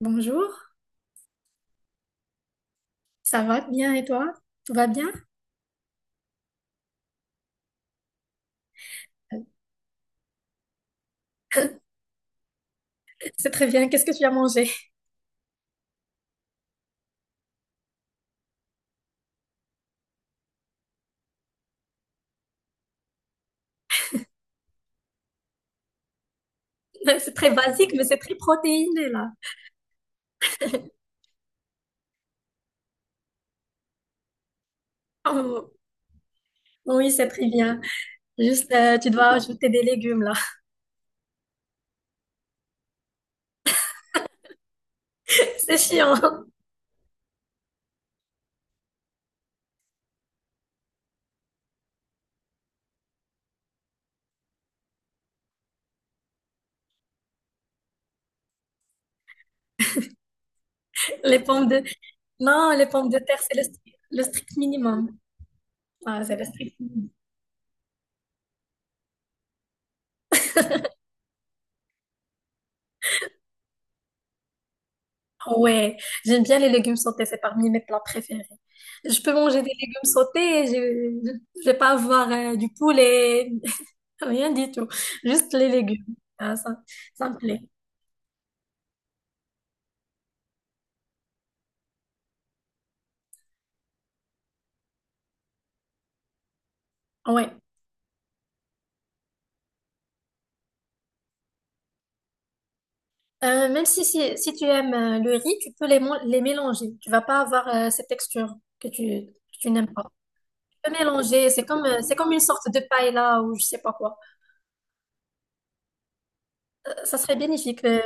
Bonjour, ça va bien et toi? Tout va bien? C'est très bien, qu'est-ce que tu as mangé? C'est très basique, mais c'est très protéiné là. Oh, oui, c'est très bien. Juste, tu dois ajouter des légumes là. C'est chiant. Les pommes de... Non, les pommes de terre, c'est le, le strict minimum. Ah, c'est le strict minimum. Ouais, j'aime bien les légumes sautés, c'est parmi mes plats préférés. Je peux manger des légumes sautés, je vais pas avoir du poulet, rien du tout. Juste les légumes. Ah, ça me plaît. Ouais. Même si, si tu aimes le riz, tu peux les, les mélanger. Tu vas pas avoir cette texture que tu n'aimes pas. Tu peux mélanger, c'est comme une sorte de paella ou je sais pas quoi. Ça serait bénéfique,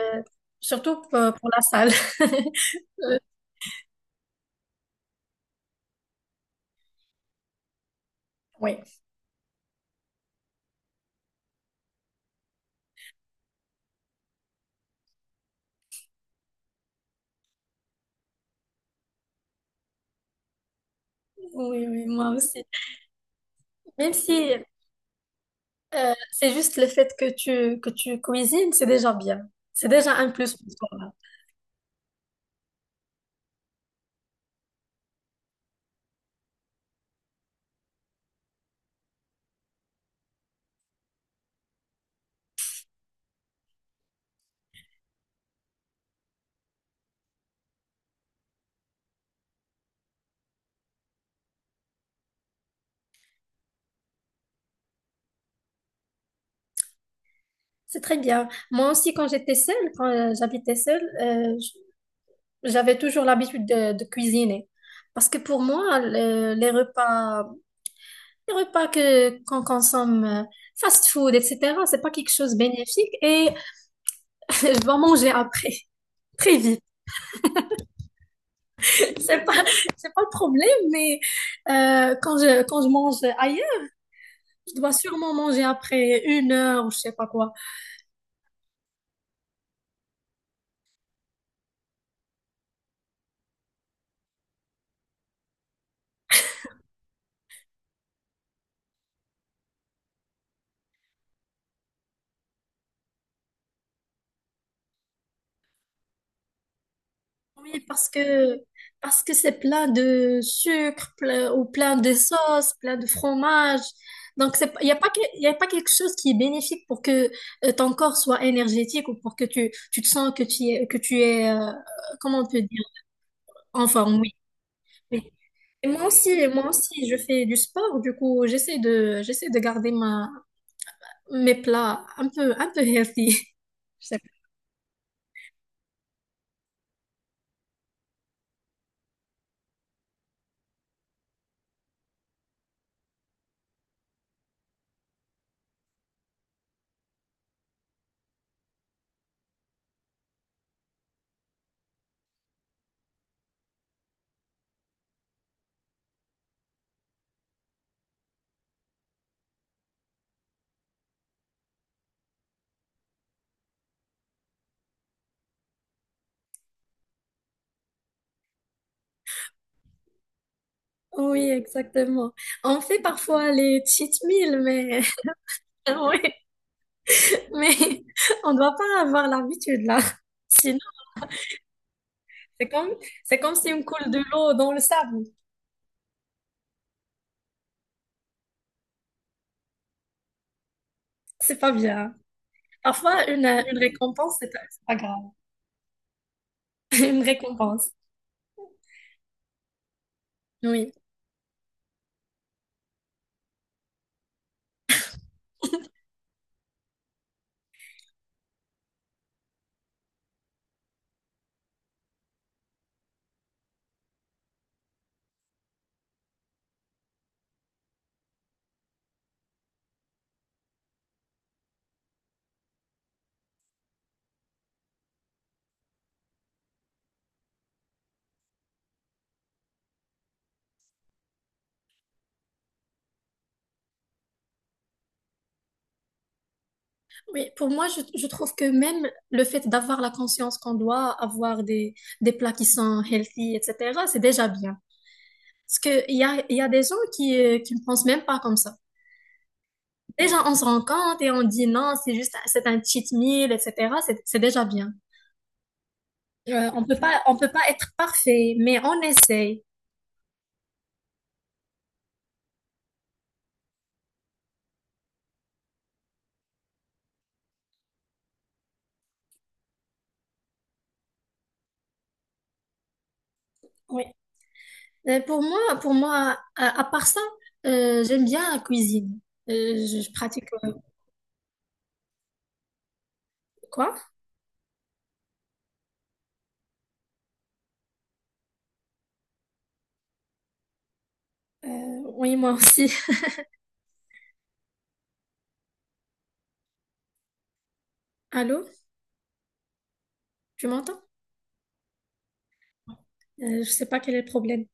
surtout pour la salle. Euh, ouais. Oui, oui, moi aussi. Même si c'est juste le fait que tu cuisines, c'est déjà bien. C'est déjà un plus pour toi. C'est très bien. Moi aussi, quand j'étais seule, quand j'habitais seule, j'avais toujours l'habitude de cuisiner. Parce que pour moi, les repas que, qu'on consomme, fast food, etc., c'est pas quelque chose de bénéfique et je dois manger après, très vite. C'est pas, c'est pas le problème, mais quand je mange ailleurs, je dois sûrement manger après une heure ou je sais pas quoi. Oui, parce que c'est plein de sucre ou plein de sauce, plein de fromage. Donc c'est il y a pas y a pas quelque chose qui est bénéfique pour que ton corps soit énergétique ou pour que tu te sens que tu es comment on peut dire en forme. Oui. Oui. Et moi aussi je fais du sport du coup j'essaie de garder ma mes plats un peu healthy. Je sais pas. Oui, exactement. On fait parfois les cheat meals mais oui. Mais on ne doit pas avoir l'habitude là. Sinon, c'est comme, c'est comme si on coule de l'eau dans le sable. C'est pas bien. Parfois, une récompense, c'est pas grave. Une récompense. Oui. Oui, pour moi, je trouve que même le fait d'avoir la conscience qu'on doit avoir des plats qui sont healthy, etc., c'est déjà bien. Parce que il y a des gens qui ne pensent même pas comme ça. Déjà, on se rend compte et on dit non, c'est juste, c'est un cheat meal, etc. C'est déjà bien. On peut pas être parfait, mais on essaye. Oui. Pour moi, à part ça, j'aime bien la cuisine. Je pratique quoi? Euh, oui, moi aussi. Allô, tu m'entends? Je sais pas quel est le problème.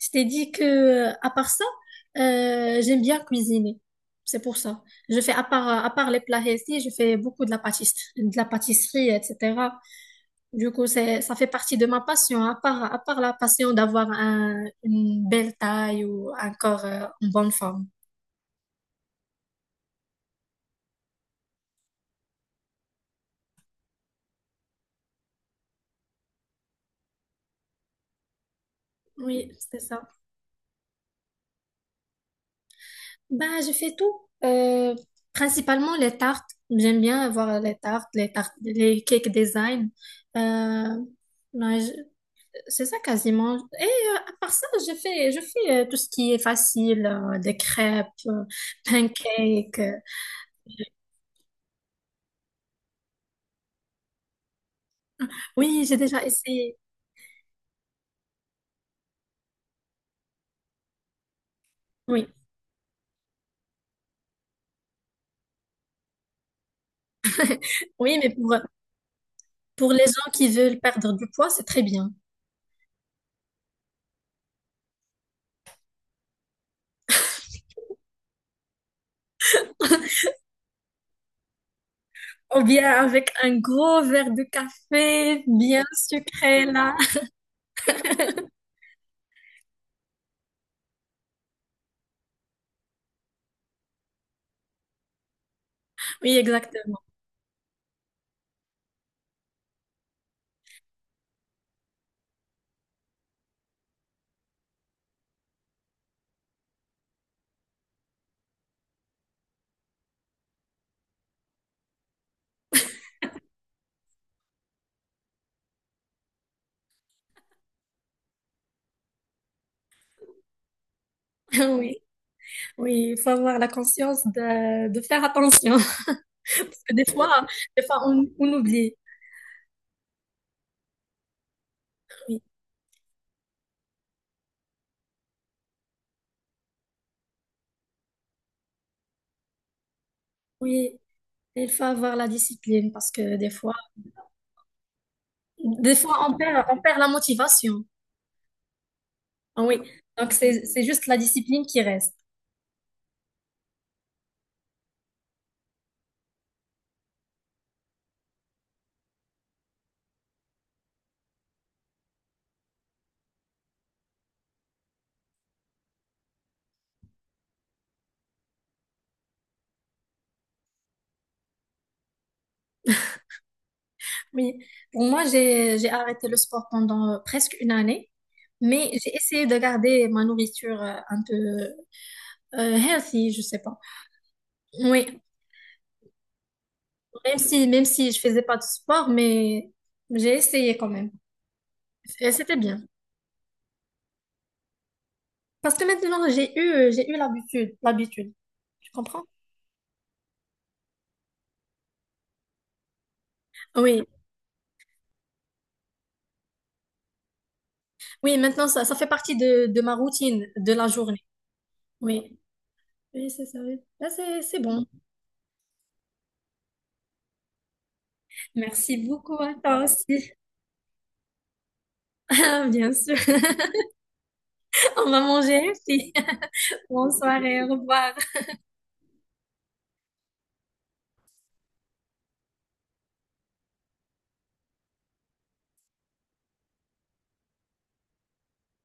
Je t'ai dit que, à part ça, j'aime bien cuisiner. C'est pour ça. Je fais à part les plats healthy, je fais beaucoup de la pâtisserie, etc. Du coup, c'est, ça fait partie de ma passion, à part la passion d'avoir une belle taille ou un corps en bonne forme. Oui, c'est ça. Ben, je fais tout. Principalement les tartes. J'aime bien avoir les tartes, les tartes, les cake design. Euh, ben, je- c'est ça quasiment. Et à part ça, je fais tout ce qui est facile, des crêpes, pancakes. Oui, j'ai déjà essayé. Oui. Oui, mais pour les gens qui veulent perdre du poids, c'est très bien. Ou bien avec un gros verre de café bien sucré là. Oui, exactement. Oui, oui, il faut avoir la conscience de faire attention. Parce que des fois on oublie. Oui, oui. Il faut avoir la discipline parce que des fois on perd la motivation. Ah oui, donc c'est juste la discipline qui reste. Oui, pour moi, j'ai arrêté le sport pendant presque une année, mais j'ai essayé de garder ma nourriture un peu healthy, je sais pas. Oui, même si je faisais pas de sport, mais j'ai essayé quand même. Et c'était bien. Parce que maintenant, j'ai eu l'habitude, l'habitude, tu comprends? Oui, oui, maintenant ça fait partie de ma routine de la journée. Oui. Oui, c'est ça. Oui. Là, c'est bon. Merci beaucoup à toi aussi. Bien sûr. On va manger aussi. Bonne soirée, au revoir.